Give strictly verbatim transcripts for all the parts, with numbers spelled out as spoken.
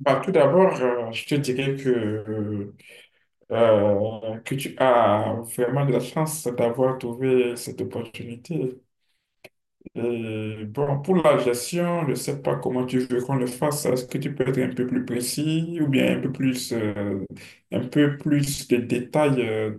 Bah, tout d'abord, euh, je te dirais que, euh, que tu as vraiment de la chance d'avoir trouvé cette opportunité. Et bon, pour la gestion, je ne sais pas comment tu veux qu'on le fasse. Est-ce que tu peux être un peu plus précis ou bien un peu plus, euh, un peu plus de détails? euh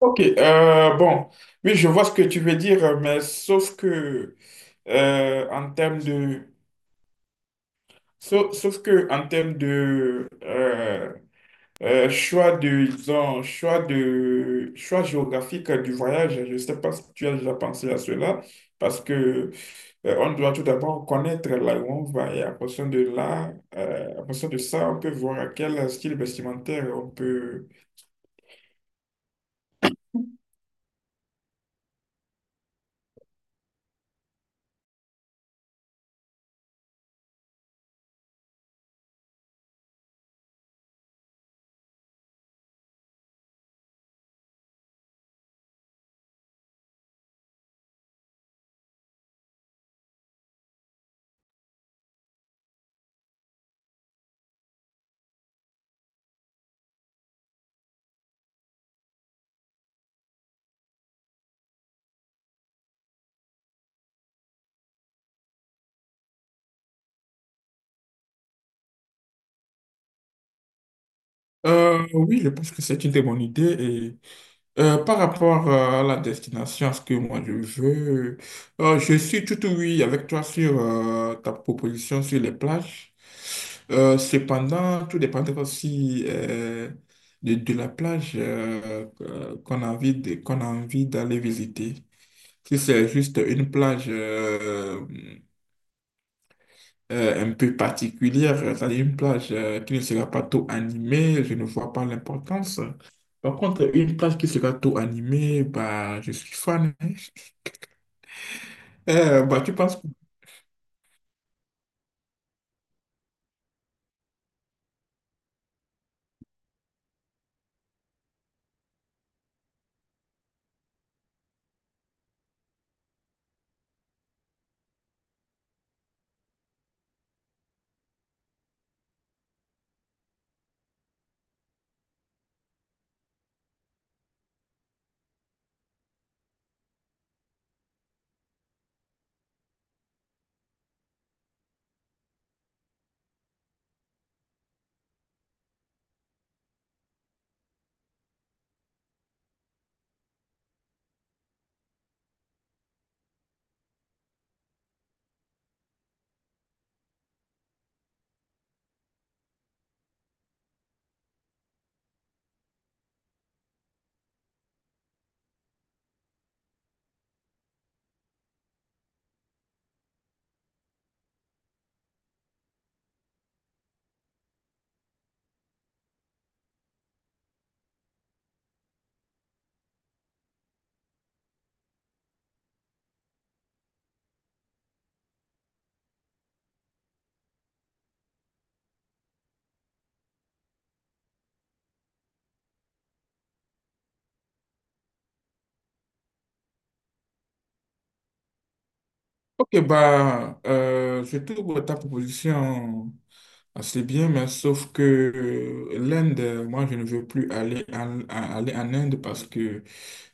Ok, euh, bon, oui, je vois ce que tu veux dire, mais sauf que euh, en termes de, sauf, sauf que en termes de euh, Euh, choix de, disons, choix de, choix géographique du voyage, je ne sais pas si tu as déjà pensé à cela, parce que euh, on doit tout d'abord connaître là où on va et à partir de là, euh, à partir de ça, on peut voir à quel style vestimentaire on peut. Euh, oui, je pense que c'est une très bonne idée. Euh, par rapport à la destination, à ce que moi je veux, euh, je suis tout oui avec toi sur euh, ta proposition sur les plages. Euh, cependant, tout dépendra aussi euh, de, de la plage, euh, euh, qu'on a envie de- qu'on a envie d'aller visiter. Si c'est juste une plage euh, euh, un peu particulière, euh, c'est-à-dire une plage euh, qui ne sera pas trop animée, je ne vois pas l'importance. Par contre, une plage qui sera trop animée, bah, je suis fan, hein. Euh, bah, tu penses que... Ok, bah, euh, je trouve ta proposition assez bien, mais sauf que euh, l'Inde, moi, je ne veux plus aller en, à- aller en Inde, parce que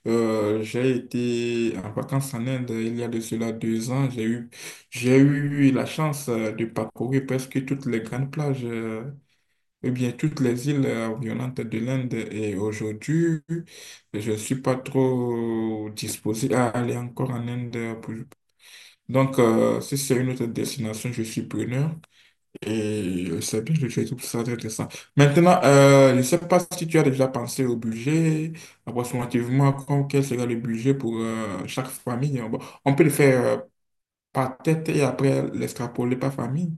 Euh, j'ai été en vacances en Inde il y a de cela deux ans. J'ai eu, j'ai eu la chance euh, de parcourir presque toutes les grandes plages, euh, eh bien toutes les îles euh, environnantes de l'Inde. Et aujourd'hui, je ne suis pas trop disposé à aller encore en Inde. pour- Donc, euh, si c'est une autre destination, je suis preneur. Et euh, c'est bien, je je trouve ça très intéressant. Maintenant, euh, je ne sais pas si tu as déjà pensé au budget, approximativement, quand- quel sera le budget pour euh, chaque famille. Bon, on peut le faire euh, par tête et après l'extrapoler par famille.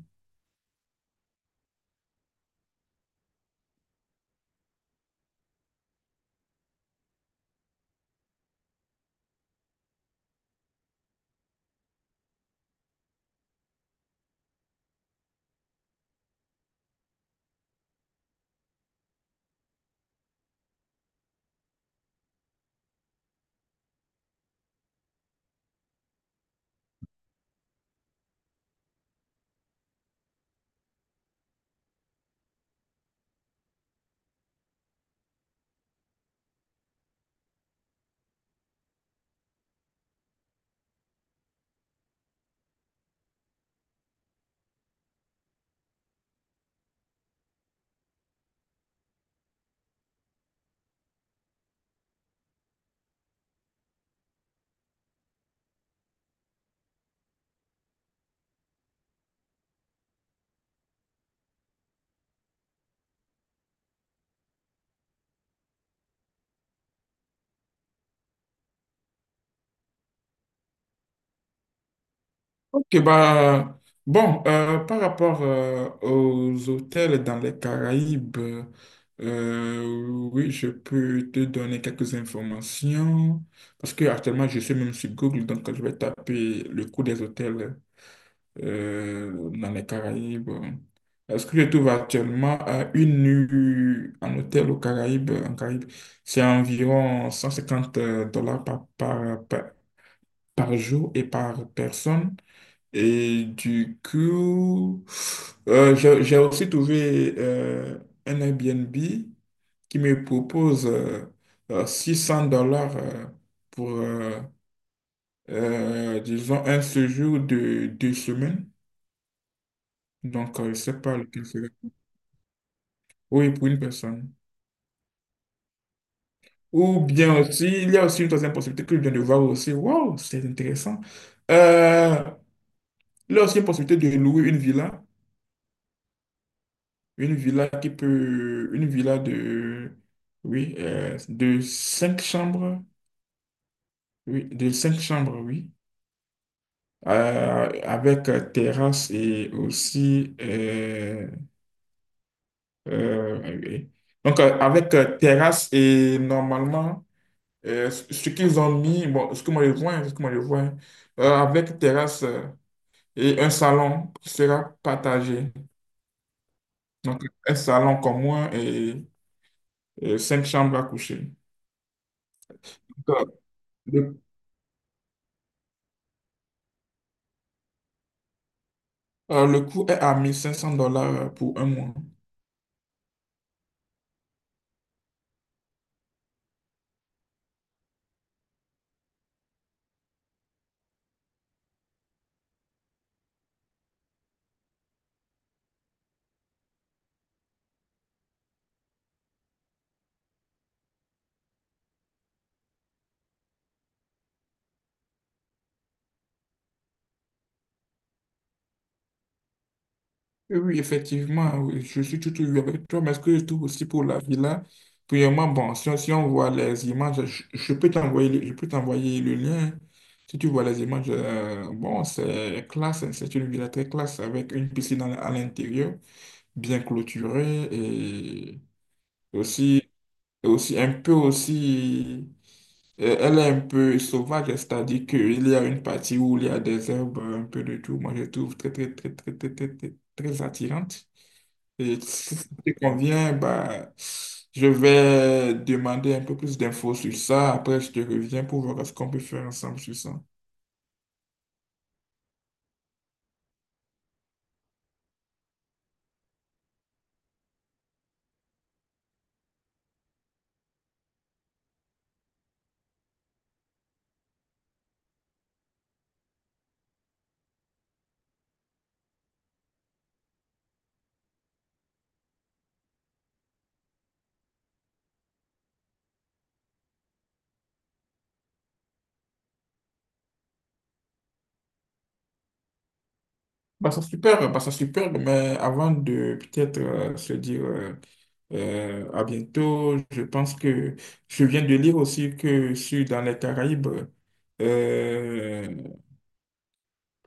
Ok, bah, bon, euh, par rapport euh, aux hôtels dans les Caraïbes, euh, oui, je peux te donner quelques informations parce que actuellement, je suis même sur Google, donc je vais taper le coût des hôtels, euh, dans les Caraïbes. Est-ce que je trouve actuellement à une nuit en hôtel aux Caraïbes, en Caraïbes, c'est environ cent cinquante euh, dollars par, par, par, par jour et par personne. Et du coup, euh, j'ai j'ai aussi trouvé euh, un Airbnb qui me propose euh, euh, six cents dollars, euh, pour, euh, euh, disons, un séjour de deux semaines. Donc, euh, je ne sais pas lequel serait. Oui, pour une personne. Ou bien aussi, il y a aussi une troisième possibilité que je viens de voir aussi. Waouh, c'est intéressant. Euh, il y a aussi une possibilité de louer une villa. Une villa qui peut. Une villa de. Oui, euh, de cinq chambres. Oui, de cinq chambres, oui. Euh, avec euh, terrasse et aussi. Euh, euh, oui. Donc, euh, avec euh, terrasse et normalement. Euh, ce ce qu'ils ont mis, bon, ce que moi je vois, hein, ce que moi je vois, hein, euh, avec terrasse, euh, et un salon qui sera partagé. Donc, un salon commun et, et cinq chambres à coucher. Donc, euh, le, euh, le coût est à mille cinq cents dollars pour un mois. Oui, oui, effectivement, oui, je suis tout ouïe avec toi, mais ce que je trouve aussi pour la villa, premièrement, bon, si on, si on voit les images, je, je peux t'envoyer, le- je peux t'envoyer le lien. Si tu vois les images, euh, bon, c'est classe, hein, c'est une villa très classe avec une piscine à, à l'intérieur, bien clôturée et aussi, aussi un peu aussi, euh, elle est un peu sauvage, c'est-à-dire qu'il y a une partie où il y a des herbes, un peu de tout. Moi, je trouve très, très, très, très, très, très, très, très attirante. Et si ça te convient, bah, je vais demander un peu plus d'infos sur ça. Après, je te reviens pour voir ce qu'on peut faire ensemble sur ça. Bah, ça super, bah, ça super, mais avant de peut-être euh, se dire, euh, euh, à bientôt, je pense que je viens de lire aussi que sur dans les Caraïbes, euh,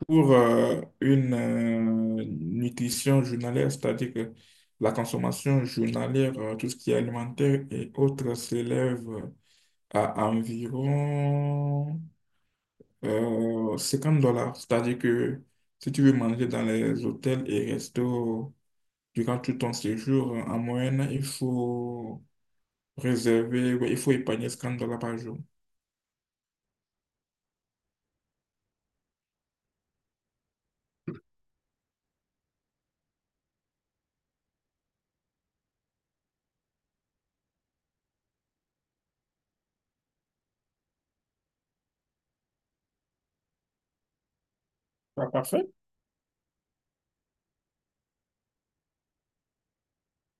pour euh, une euh, nutrition journalière, c'est-à-dire que la consommation journalière, euh, tout ce qui est alimentaire et autres, s'élève euh, à environ euh, cinquante dollars. C'est-à-dire que si tu veux manger dans les hôtels et restos durant tout ton séjour, en moyenne, il faut réserver, ouais, il faut épargner cinquante dollars par jour. Pas parfait.